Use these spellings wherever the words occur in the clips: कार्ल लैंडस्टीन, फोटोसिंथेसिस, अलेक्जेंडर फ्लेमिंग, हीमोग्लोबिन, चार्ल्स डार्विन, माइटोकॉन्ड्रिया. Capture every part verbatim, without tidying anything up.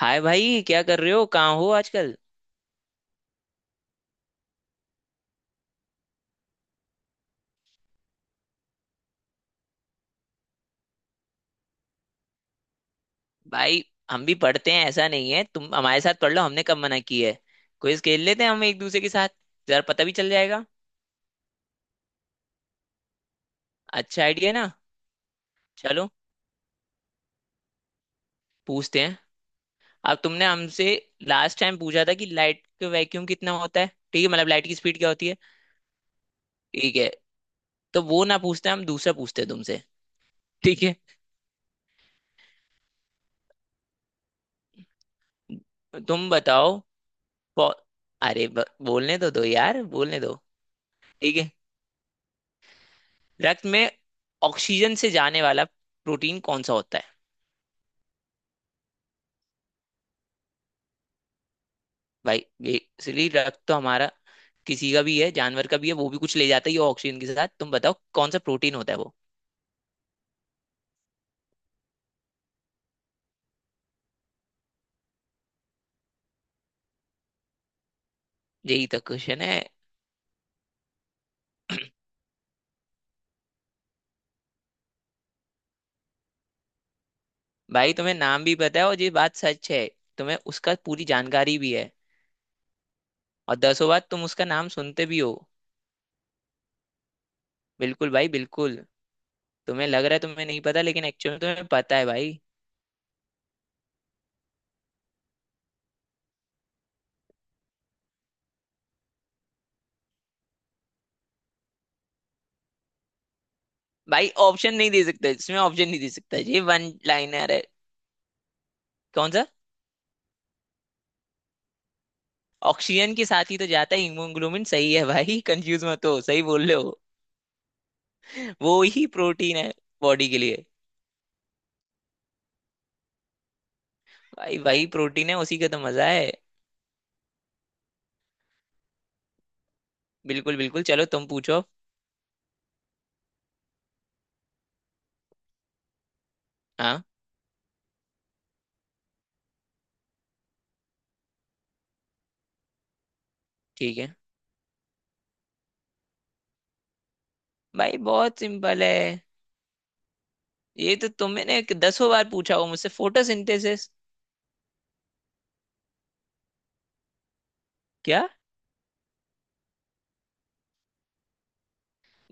हाय भाई, क्या कर रहे हो? कहाँ हो आजकल? भाई, हम भी पढ़ते हैं, ऐसा नहीं है। तुम हमारे साथ पढ़ लो, हमने कब मना की है। क्विज खेल लेते हैं हम एक दूसरे के साथ, जरा पता भी चल जाएगा। अच्छा आइडिया ना। चलो पूछते हैं। अब तुमने हमसे लास्ट टाइम पूछा था कि लाइट का वैक्यूम कितना होता है, ठीक है, मतलब लाइट की स्पीड क्या होती है। ठीक है, तो वो ना पूछते हैं, हम दूसरा पूछते हैं तुमसे। ठीक है, तुम बताओ। पौ- अरे ब- बोलने तो दो यार, बोलने दो। ठीक है, रक्त में ऑक्सीजन से जाने वाला प्रोटीन कौन सा होता है? भाई बेसिकली रक्त तो हमारा किसी का भी है, जानवर का भी है, वो भी कुछ ले जाता है ये ऑक्सीजन के साथ। तुम बताओ, कौन सा प्रोटीन होता है वो? यही तो क्वेश्चन है। भाई, तुम्हें नाम भी पता है, और ये बात सच है। तुम्हें उसका पूरी जानकारी भी है, और दसों बार तुम उसका नाम सुनते भी हो। बिल्कुल भाई बिल्कुल। तुम्हें लग रहा है तुम्हें नहीं पता, लेकिन एक्चुअली तुम्हें पता है भाई। भाई ऑप्शन नहीं दे सकता इसमें, ऑप्शन नहीं दे सकता, ये वन लाइनर है। कौन सा? ऑक्सीजन के साथ ही तो जाता है हीमोग्लोबिन, सही है भाई, कंफ्यूज मत हो, सही बोल रहे हो। वो ही प्रोटीन है बॉडी के लिए। भाई वही प्रोटीन है, उसी का तो मजा है। बिल्कुल बिल्कुल, चलो तुम पूछो। हाँ, ठीक है। भाई बहुत सिंपल है, ये तो तुमने दसों बार पूछा हो मुझसे, फोटोसिंथेसिस। क्या?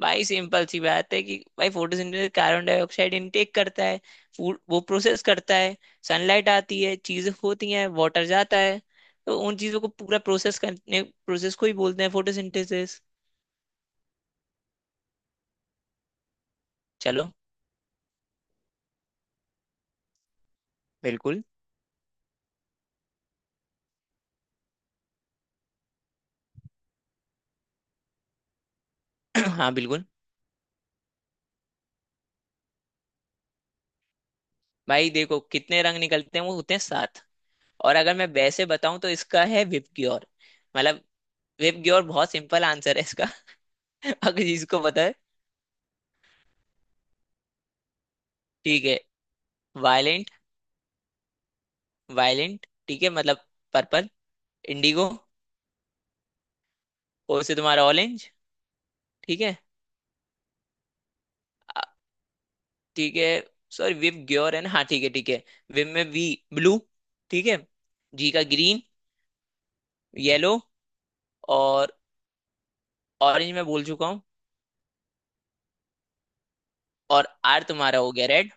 भाई सिंपल सी बात है कि भाई, फोटोसिंथेसिस कार्बन डाइऑक्साइड इनटेक करता है, फूड वो प्रोसेस करता है। सनलाइट आती है, चीजें होती हैं, वाटर जाता है। तो उन चीजों को पूरा प्रोसेस करने, प्रोसेस को ही बोलते हैं फोटोसिंथेसिस। चलो। बिल्कुल। हाँ बिल्कुल। भाई देखो, कितने रंग निकलते हैं, वो होते हैं सात। और अगर मैं वैसे बताऊं तो इसका है विपग्योर। मतलब विपग्योर, बहुत सिंपल आंसर है इसका। अगर जिसको पता है। ठीक है। वायलेंट। वायलेंट, ठीक है, मतलब पर्पल। इंडिगो। ओ से तुम्हारा ऑरेंज। ठीक है। आ- ठीक है, सॉरी, विव ग्योर है ना, हाँ, ठीक है ठीक है। विव में वी। ब्लू। ठीक है। जी का ग्रीन। येलो। और ऑरेंज मैं बोल चुका हूँ। और आर तुम्हारा हो गया रेड।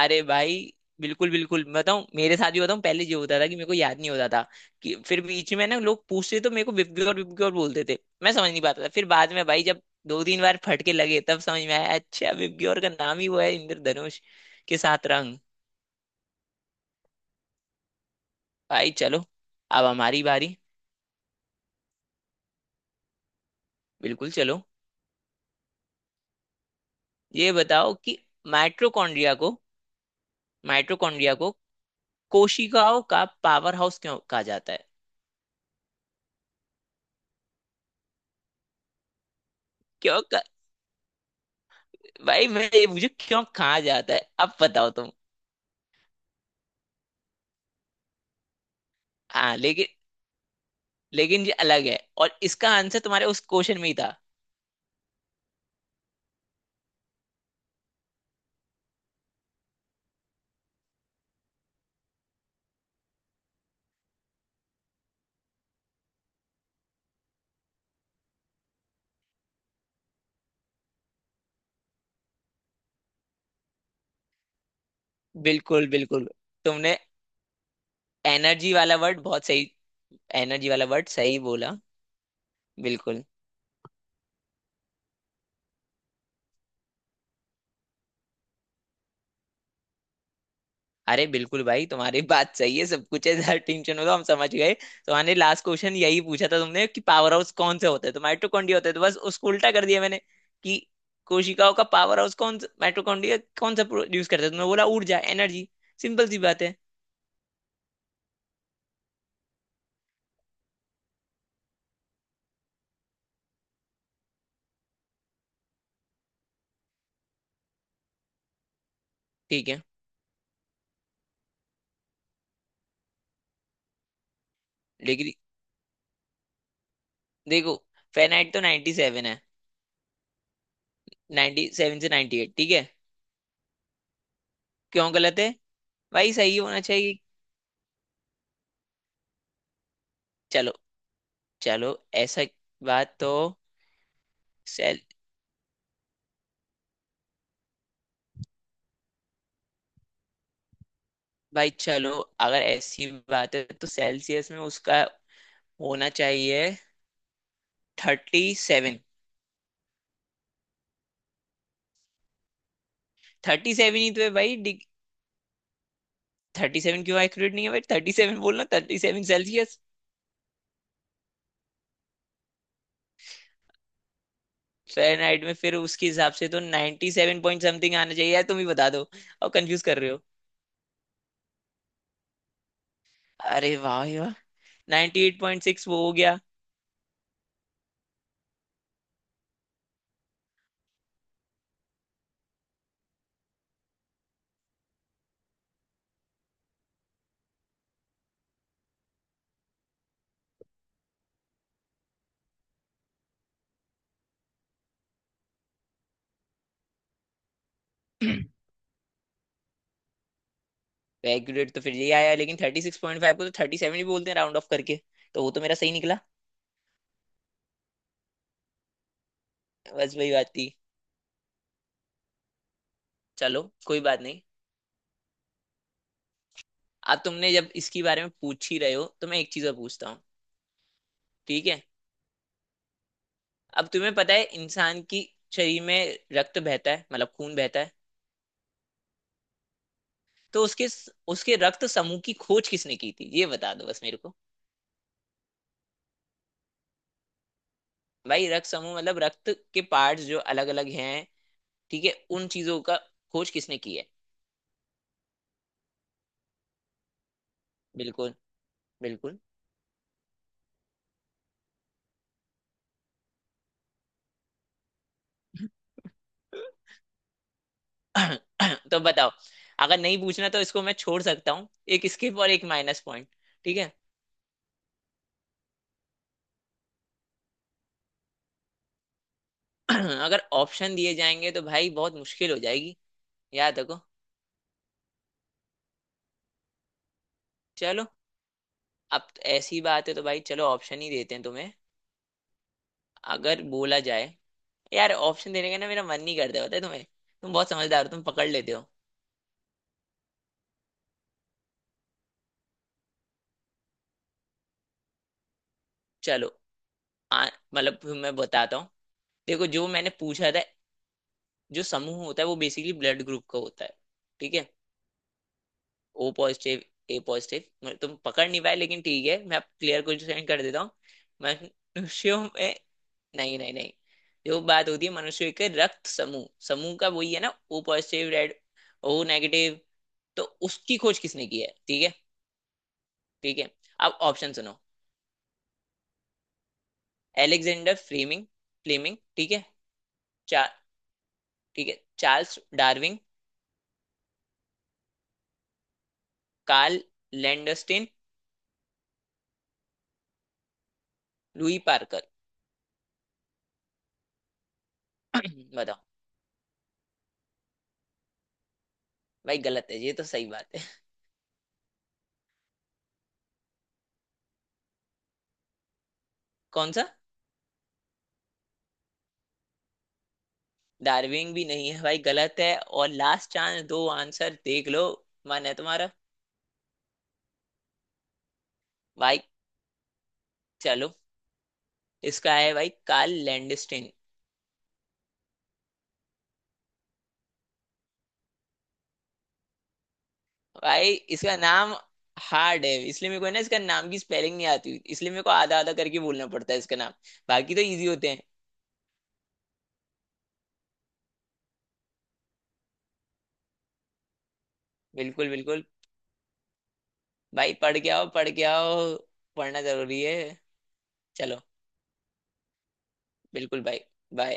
अरे भाई, बिल्कुल बिल्कुल, मैं बताऊं, मेरे साथ भी बताऊं, पहले ये होता था कि मेरे को याद नहीं होता था। कि फिर बीच में ना लोग पूछते, तो मेरे को विव ग्योर विव ग्योर बोलते थे, मैं समझ नहीं पाता था। फिर बाद में भाई, जब दो तीन बार फटके लगे, तब समझ में आया, अच्छा विव ग्योर का नाम ही वो है इंद्रधनुष के सात रंग। भाई चलो, अब हमारी बारी। बिल्कुल चलो, ये बताओ कि माइटोकॉन्ड्रिया को माइटोकॉन्ड्रिया को कोशिकाओं का पावर हाउस क्यों कहा जाता है? क्यों कहा- भाई मैं ये, मुझे क्यों कहा जाता है अब बताओ तुम। हाँ लेकिन, लेकिन ये अलग है, और इसका आंसर तुम्हारे उस क्वेश्चन में ही था। बिल्कुल बिल्कुल, तुमने एनर्जी वाला वर्ड बहुत सही, एनर्जी वाला वर्ड सही बोला। बिल्कुल। अरे बिल्कुल भाई, तुम्हारी बात सही है, सब कुछ है, ज्यादा टेंशन हो तो हम समझ गए। तुम्हारे लास्ट क्वेश्चन यही पूछा था तुमने, कि पावर हाउस कौन से होते हैं, तो माइटोकॉन्ड्रिया होते हैं, तो बस उसको उल्टा कर दिया मैंने। कि कोशिकाओं का पावर हाउस कौन सा, माइटोकॉन्ड्रिया कौन सा प्रोड्यूस करता है, तो तुमने बोला ऊर्जा, एनर्जी। सिंपल सी बात है। ठीक है लेकिन, देखो, फेनाइट तो नाइनटी सेवन है, नाइनटी सेवन से नाइनटी एट, ठीक है। क्यों गलत है? भाई सही होना चाहिए। चलो चलो, ऐसा, बात तो, भाई चलो, अगर ऐसी बात है तो सेल्सियस में उसका होना चाहिए थर्टी सेवन। थर्टी सेवन ही तो है भाई, थर्टी सेवन क्यों एक्यूरेट नहीं है भाई, थर्टी सेवन बोलना, थर्टी सेवन सेल्सियस। फ़ारेनहाइट में फिर उसके हिसाब से तो 97 सेवन पॉइंट समथिंग आना चाहिए, यार तुम ही बता दो, और कंफ्यूज कर रहे हो। अरे वाह भाई वाह, नाइन्टी एट पॉइंट सिक्स, वो हो गया। एक्यूरेट तो फिर यही आया, लेकिन थर्टी सिक्स पॉइंट फाइव को तो थर्टी सेवन ही बोलते हैं राउंड ऑफ करके, तो वो तो मेरा सही निकला। बस वही बात थी। चलो, कोई बात नहीं। अब तुमने जब इसके बारे में पूछ ही रहे हो, तो मैं एक चीज और पूछता हूँ। ठीक है। अब तुम्हें पता है, इंसान की शरीर में रक्त बहता है, मतलब खून बहता है। तो उसके, उसके रक्त समूह की खोज किसने की थी, ये बता दो बस मेरे को। भाई रक्त समूह मतलब, रक्त के पार्ट्स जो अलग अलग हैं, ठीक है, उन चीजों का खोज किसने की है? बिल्कुल बिल्कुल। तो बताओ, अगर नहीं पूछना तो इसको मैं छोड़ सकता हूँ, एक स्किप और एक माइनस पॉइंट। ठीक है। अगर ऑप्शन दिए जाएंगे तो भाई बहुत मुश्किल हो जाएगी, याद रखो। चलो, अब ऐसी बात है तो भाई चलो, ऑप्शन ही देते हैं तुम्हें। अगर बोला जाए, यार ऑप्शन देने का ना मेरा मन नहीं करता, पता है तुम्हें, तुम बहुत समझदार हो, तुम पकड़ लेते हो। चलो। आ- मतलब फिर मैं बताता हूँ। देखो, जो मैंने पूछा था, जो समूह होता है, वो बेसिकली ब्लड ग्रुप का होता है। ठीक है। ओ पॉजिटिव, ए पॉजिटिव, तुम पकड़ नहीं पाए, लेकिन ठीक है, मैं अब क्लियर क्वेश्चन कर देता हूँ। मनुष्यों में नहीं नहीं नहीं, जो बात होती है मनुष्य के रक्त समूह समूह का, वही है ना, O positive, red, O negative. तो उसकी खोज किसने की है, ठीक है? ठीक है, अब ऑप्शन सुनो। एलेक्जेंडर फ्लेमिंग, फ्लेमिंग, ठीक है। चा, ठीक है, चार्ल्स डार्विन। कार्ल लैंडस्टीन। Louis Parker. बताओ। भाई गलत है, ये तो सही बात है। कौन सा? डार्विन भी नहीं है भाई, गलत है, और लास्ट चांस, दो आंसर देख लो, मन है तुम्हारा। भाई चलो, इसका है भाई कार्ल लैंडस्टीन। भाई इसका नाम हार्ड है, इसलिए मेरे को है ना, इसका नाम की स्पेलिंग नहीं आती, इसलिए मेरे को आधा आधा करके बोलना पड़ता है इसका नाम। बाकी तो इजी होते हैं। बिल्कुल बिल्कुल। भाई पढ़ के आओ, पढ़ के आओ, पढ़ना जरूरी है। चलो। बिल्कुल भाई। बाय।